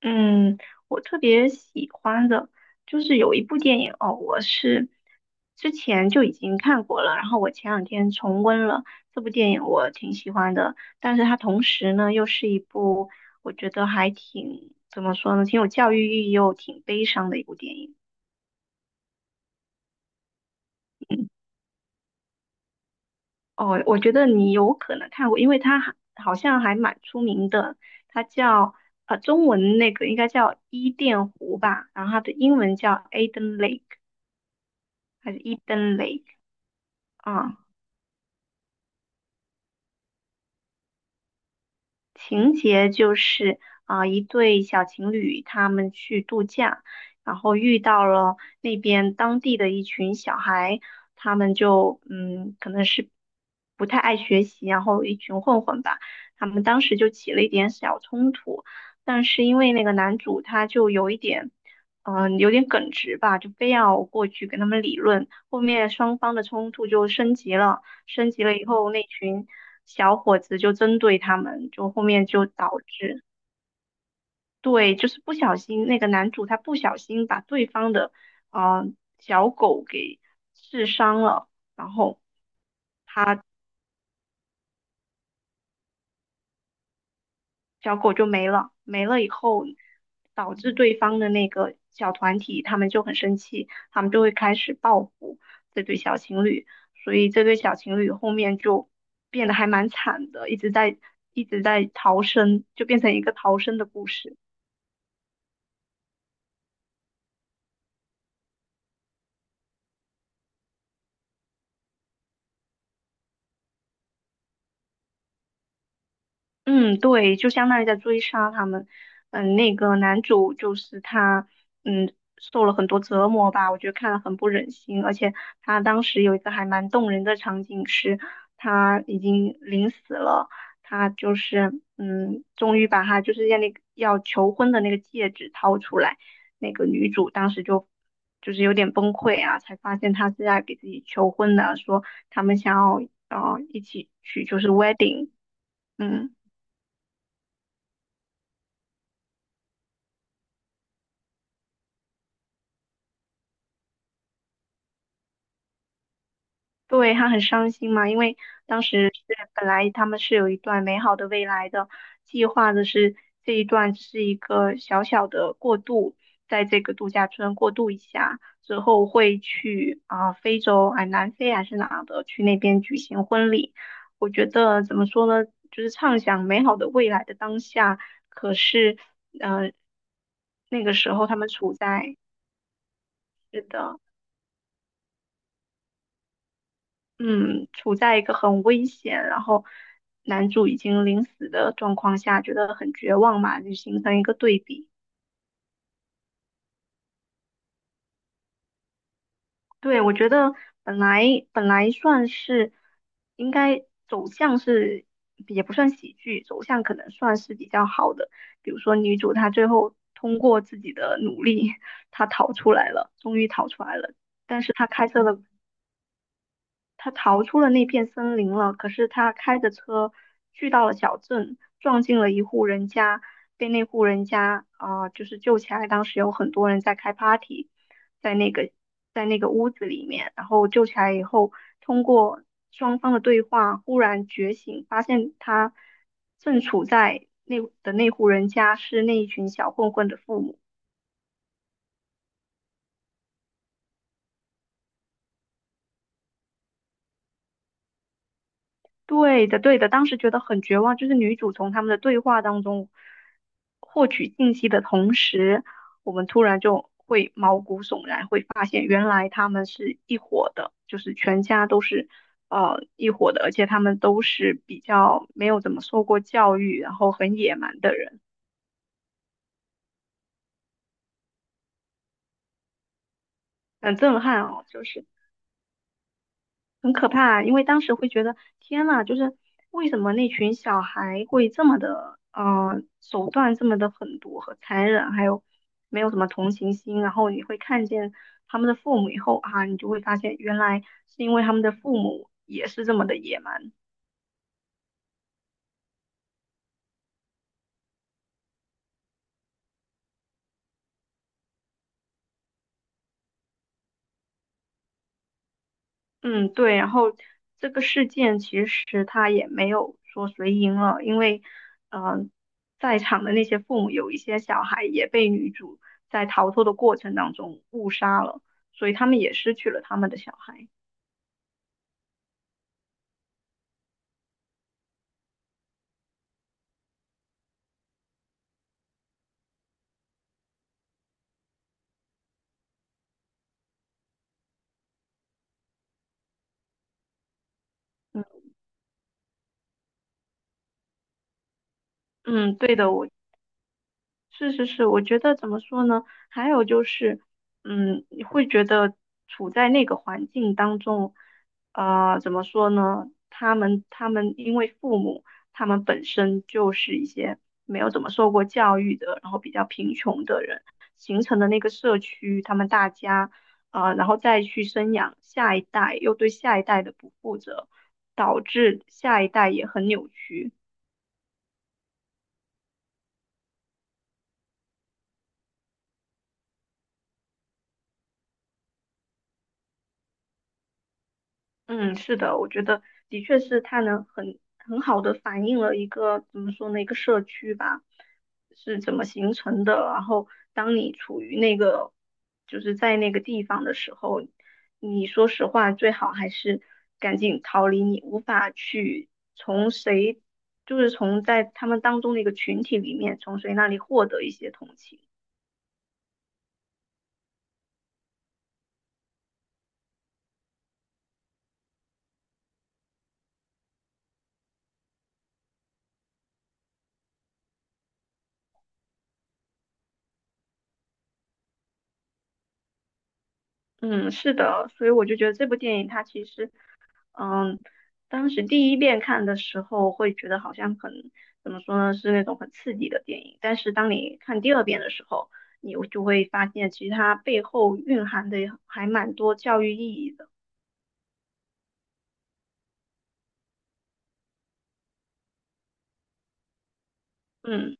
嗯，我特别喜欢的就是有一部电影哦，我是之前就已经看过了，然后我前两天重温了这部电影，我挺喜欢的。但是它同时呢，又是一部我觉得还挺怎么说呢，挺有教育意义又挺悲伤的一部电影。嗯。哦，我觉得你有可能看过，因为它还好像还蛮出名的，它叫中文那个应该叫伊甸湖吧，然后它的英文叫 Eden Lake。还是 e d e 啊，情节就是啊，一对小情侣他们去度假，然后遇到了那边当地的一群小孩，他们就嗯，可能是不太爱学习，然后一群混混吧，他们当时就起了一点小冲突，但是因为那个男主他就有一点。嗯，有点耿直吧，就非要过去跟他们理论，后面双方的冲突就升级了。升级了以后，那群小伙子就针对他们，就后面就导致对，就是不小心那个男主他不小心把对方的呃小狗给刺伤了，然后小狗就没了，没了以后导致对方的那个小团体他们就很生气，他们就会开始报复这对小情侣，所以这对小情侣后面就变得还蛮惨的，一直在逃生，就变成一个逃生的故事。嗯，对，就相当于在追杀他们。嗯，那个男主就是他，嗯，受了很多折磨吧，我觉得看了很不忍心。而且他当时有一个还蛮动人的场景是，他已经临死了，他就是，嗯，终于把他就是要那个要求婚的那个戒指掏出来，那个女主当时就就是有点崩溃啊，才发现他是在给自己求婚的，说他们想要一起去就是 wedding。嗯。对，他很伤心嘛，因为当时是本来他们是有一段美好的未来的计划的是，这一段只是一个小小的过渡，在这个度假村过渡一下之后会去啊、非洲啊、南非还是哪的去那边举行婚礼。我觉得怎么说呢，就是畅想美好的未来的当下，可是嗯、呃那个时候他们处在是的。嗯，处在一个很危险，然后男主已经临死的状况下，觉得很绝望嘛，就形成一个对比。对，我觉得本来本来算是应该走向是也不算喜剧，走向可能算是比较好的。比如说女主她最后通过自己的努力，她逃出来了，终于逃出来了，但是她开车的他逃出了那片森林了，可是他开着车去到了小镇，撞进了一户人家，被那户人家就是救起来。当时有很多人在开 party,在那个在那个屋子里面，然后救起来以后，通过双方的对话，忽然觉醒，发现他正处在那的那户人家是那一群小混混的父母。对的，对的，当时觉得很绝望，就是女主从他们的对话当中获取信息的同时，我们突然就会毛骨悚然，会发现原来他们是一伙的，就是全家都是一伙的，而且他们都是比较没有怎么受过教育，然后很野蛮的人，很震撼哦，就是。很可怕，因为当时会觉得天呐，就是为什么那群小孩会这么的，手段这么的狠毒和残忍，还有没有什么同情心。然后你会看见他们的父母以后啊，你就会发现原来是因为他们的父母也是这么的野蛮。嗯，对，然后这个事件其实他也没有说谁赢了，因为，呃，在场的那些父母有一些小孩也被女主在逃脱的过程当中误杀了，所以他们也失去了他们的小孩。嗯。嗯，对的，我是，我觉得怎么说呢？还有就是，嗯，你会觉得处在那个环境当中，怎么说呢？他们因为父母他们本身就是一些没有怎么受过教育的，然后比较贫穷的人形成的那个社区，他们大家，然后再去生养下一代，又对下一代的不负责，导致下一代也很扭曲。嗯，是的，我觉得的确是它能很好的反映了一个怎么说呢，一个社区吧，是怎么形成的。然后，当你处于那个就是在那个地方的时候，你说实话，最好还是赶紧逃离你无法去从谁，就是从在他们当中的一个群体里面，从谁那里获得一些同情。嗯，是的，所以我就觉得这部电影它其实嗯，当时第一遍看的时候会觉得好像很，怎么说呢，是那种很刺激的电影。但是当你看第二遍的时候，你就会发现其实它背后蕴含的还蛮多教育意义的。嗯。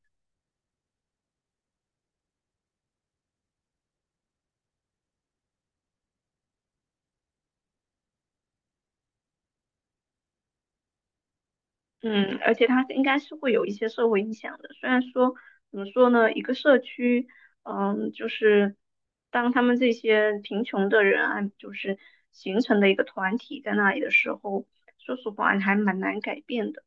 嗯，而且它应该是会有一些社会影响的。虽然说怎么说呢，一个社区，嗯，就是当他们这些贫穷的人啊，就是形成的一个团体在那里的时候，说实话还蛮难改变的。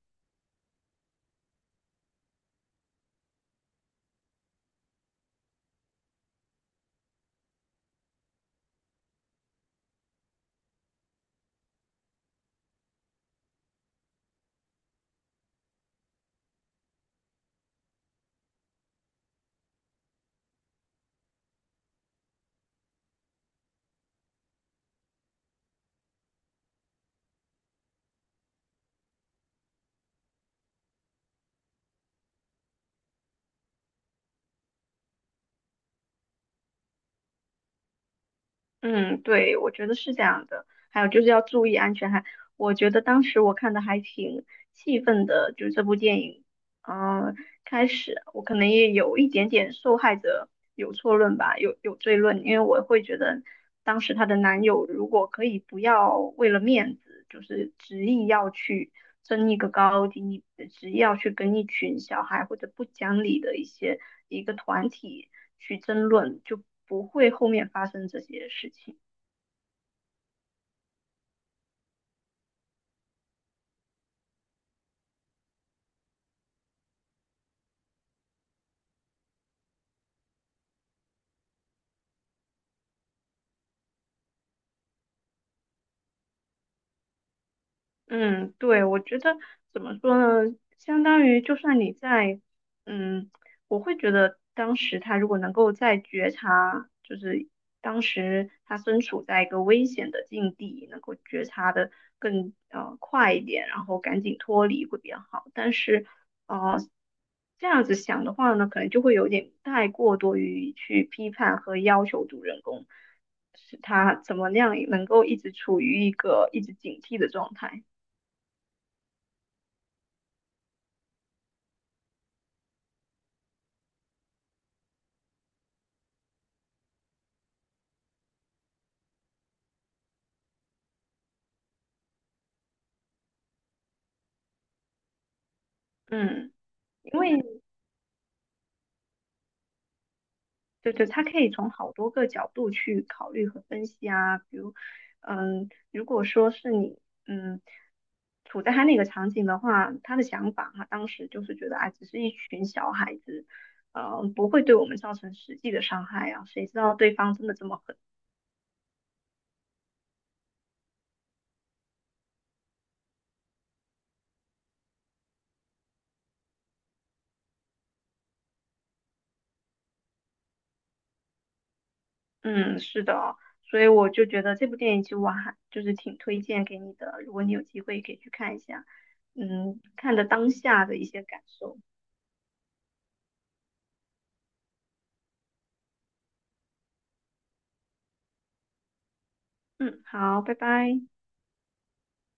嗯，对，我觉得是这样的。还有就是要注意安全。还，我觉得当时我看的还挺气愤的，就是这部电影，啊。开始，我可能也有一点点受害者有错论吧，有罪论，因为我会觉得当时她的男友如果可以不要为了面子，就是执意要去争一个高低，执意要去跟一群小孩或者不讲理的一些一个团体去争论，就不会后面发生这些事情。嗯，对，我觉得怎么说呢，相当于就算你在，嗯，我会觉得当时他如果能够在觉察，就是当时他身处在一个危险的境地，能够觉察的更快一点，然后赶紧脱离会比较好。但是，呃，这样子想的话呢，可能就会有点太过多于去批判和要求主人公，是他怎么样能够一直处于一个一直警惕的状态。嗯，因为对，他可以从好多个角度去考虑和分析啊。比如，嗯，如果说是你，嗯，处在他那个场景的话，他的想法哈，当时就是觉得，哎，只是一群小孩子，嗯，不会对我们造成实际的伤害啊。谁知道对方真的这么狠？嗯，是的哦，所以我就觉得这部电影其实我还就是挺推荐给你的，如果你有机会可以去看一下，嗯，看的当下的一些感受。嗯，好，拜拜。